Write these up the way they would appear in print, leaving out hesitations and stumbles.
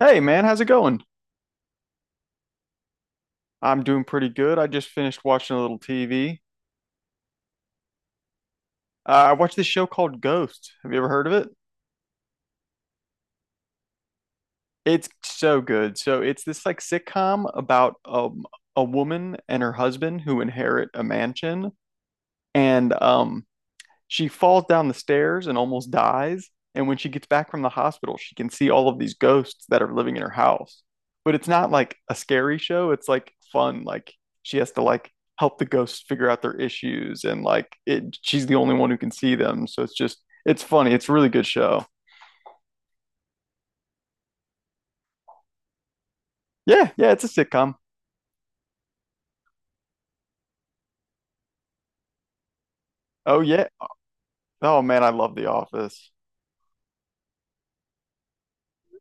Hey man, how's it going? I'm doing pretty good. I just finished watching a little TV. I watched this show called Ghost. Have you ever heard of it? It's so good. So it's this like sitcom about a woman and her husband who inherit a mansion, and she falls down the stairs and almost dies. And when she gets back from the hospital, she can see all of these ghosts that are living in her house. But it's not like a scary show. It's like fun. Like she has to like help the ghosts figure out their issues and like it she's the only one who can see them. So it's just it's funny. It's a really good show. Yeah, yeah, it's a sitcom. Oh yeah. Oh man, I love The Office.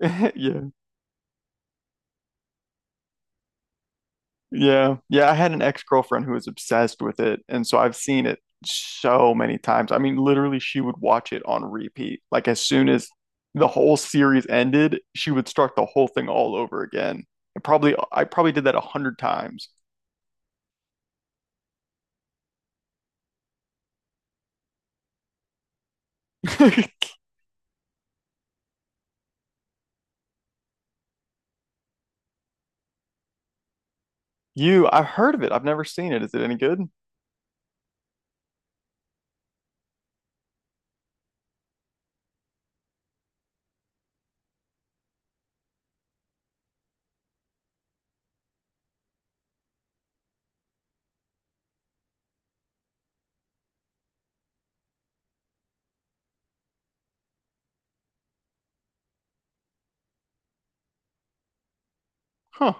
Yeah. Yeah. Yeah. I had an ex-girlfriend who was obsessed with it. And so I've seen it so many times. I mean, literally, she would watch it on repeat. Like, as soon as the whole series ended, she would start the whole thing all over again. And probably, I probably did that a hundred times. You, I've heard of it. I've never seen it. Is it any good? Huh.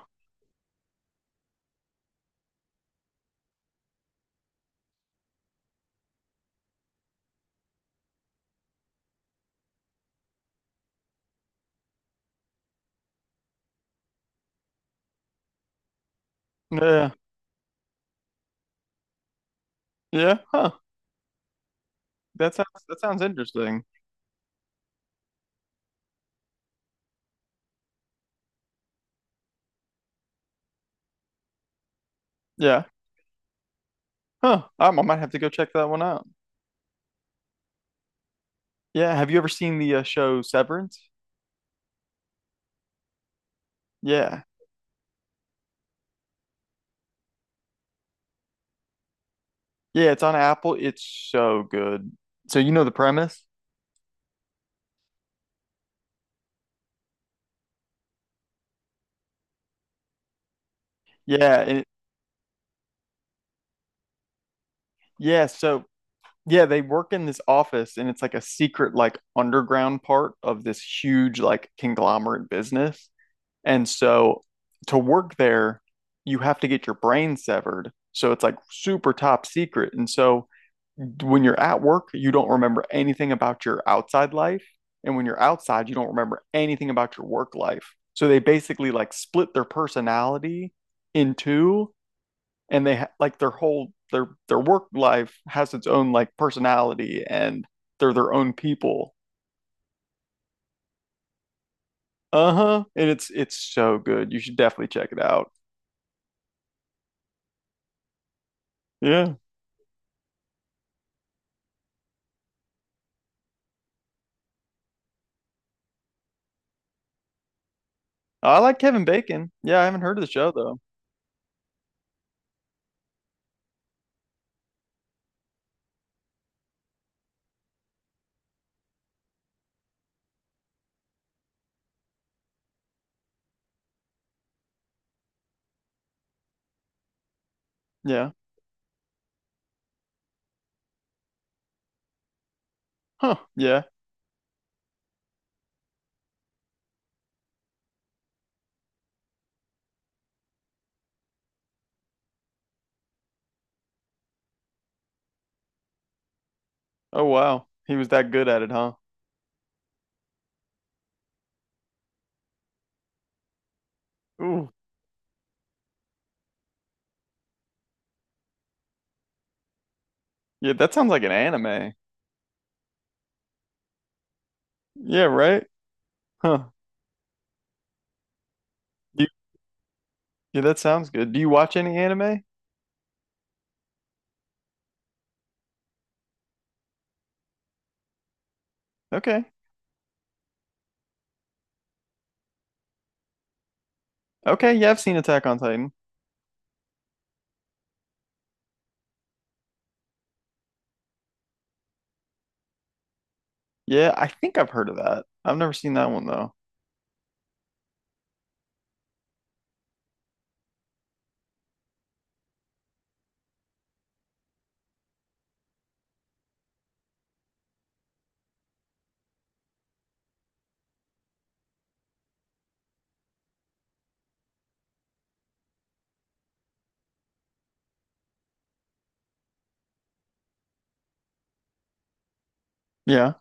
Yeah. Yeah. Huh. That sounds interesting. Yeah. Huh. I might have to go check that one out. Yeah. Have you ever seen the show Severance? Yeah. Yeah, it's on Apple. It's so good. So you know the premise? Yeah, it, yeah, so yeah, they work in this office and it's like a secret like underground part of this huge like conglomerate business. And so to work there, you have to get your brain severed. So it's like super top secret. And so when you're at work, you don't remember anything about your outside life. And when you're outside, you don't remember anything about your work life. So they basically like split their personality in two and like their whole their work life has its own like personality and they're their own people. Uh-huh. And it's so good. You should definitely check it out. Yeah. I like Kevin Bacon. Yeah, I haven't heard of the show though. Yeah. Huh. Yeah. Oh wow. He was that good at it, huh? Ooh. Yeah, that sounds like an anime. Yeah, right? Huh. You, yeah, that sounds good. Do you watch any anime? Okay. Okay, yeah, I've seen Attack on Titan. Yeah, I think I've heard of that. I've never seen that one though. Yeah.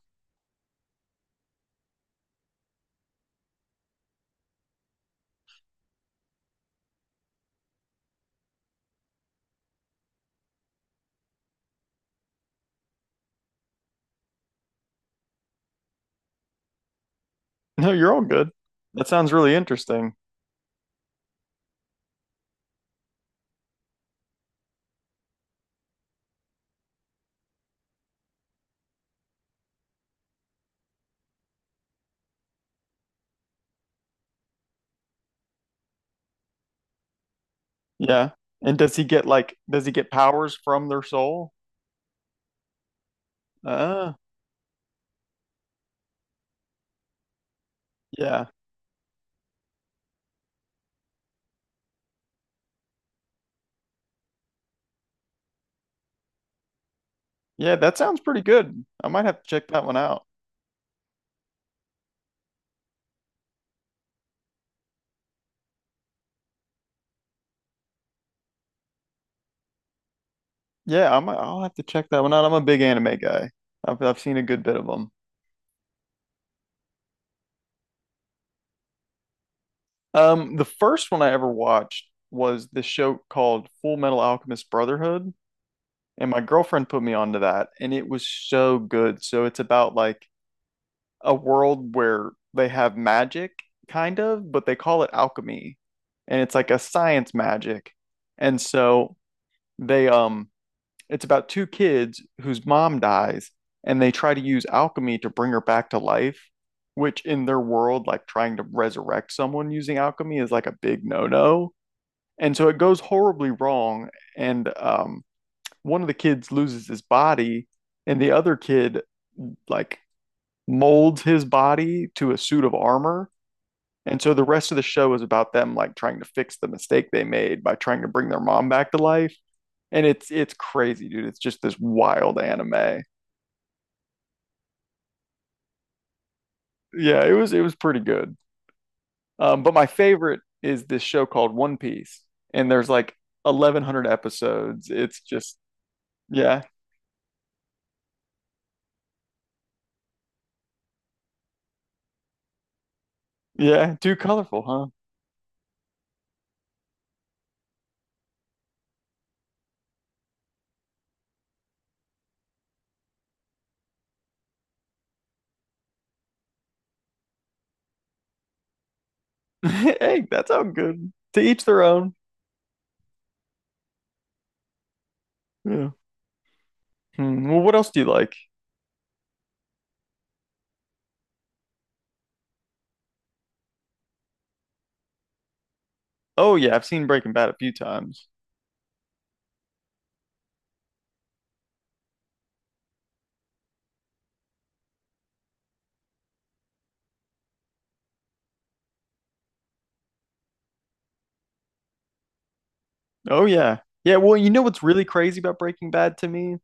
No, you're all good. That sounds really interesting. Yeah. And does he get like does he get powers from their soul? Uh, yeah. Yeah, that sounds pretty good. I might have to check that one out. Yeah, I'll have to check that one out. I'm a big anime guy. I've seen a good bit of them. The first one I ever watched was this show called Full Metal Alchemist Brotherhood, and my girlfriend put me onto that, and it was so good. So it's about like a world where they have magic, kind of, but they call it alchemy, and it's like a science magic. And so they it's about two kids whose mom dies, and they try to use alchemy to bring her back to life. Which in their world, like trying to resurrect someone using alchemy is like a big no-no. And so it goes horribly wrong. And one of the kids loses his body, and the other kid, like, molds his body to a suit of armor. And so the rest of the show is about them like trying to fix the mistake they made by trying to bring their mom back to life. And it's crazy, dude. It's just this wild anime. Yeah, it was pretty good. But my favorite is this show called One Piece, and there's like 1,100 episodes. It's just yeah, yeah, too colorful, huh? hey, that's all good. To each their own. Yeah. Hmm. Well, what else do you like? Oh yeah, I've seen Breaking Bad a few times. Oh yeah. Yeah, well, you know what's really crazy about Breaking Bad to me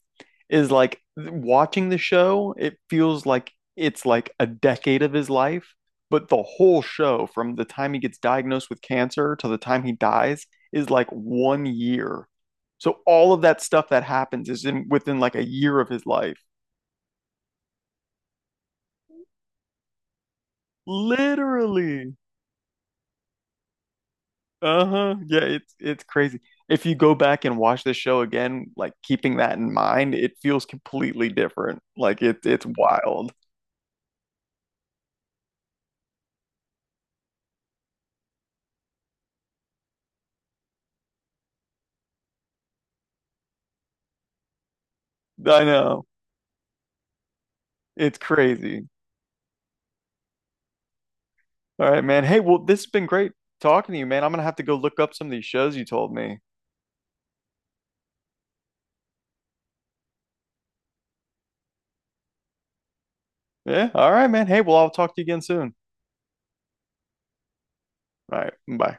is like watching the show, it feels like it's like a decade of his life, but the whole show from the time he gets diagnosed with cancer to the time he dies is like one year. So all of that stuff that happens is in within like a year of his life. Literally. Uh-huh. Yeah, it's crazy. If you go back and watch the show again, like keeping that in mind, it feels completely different. Like it's wild. I know. It's crazy. All right, man. Hey, well, this has been great talking to you, man. I'm gonna have to go look up some of these shows you told me. Yeah. All right, man. Hey, well, I'll talk to you again soon. All right. Bye.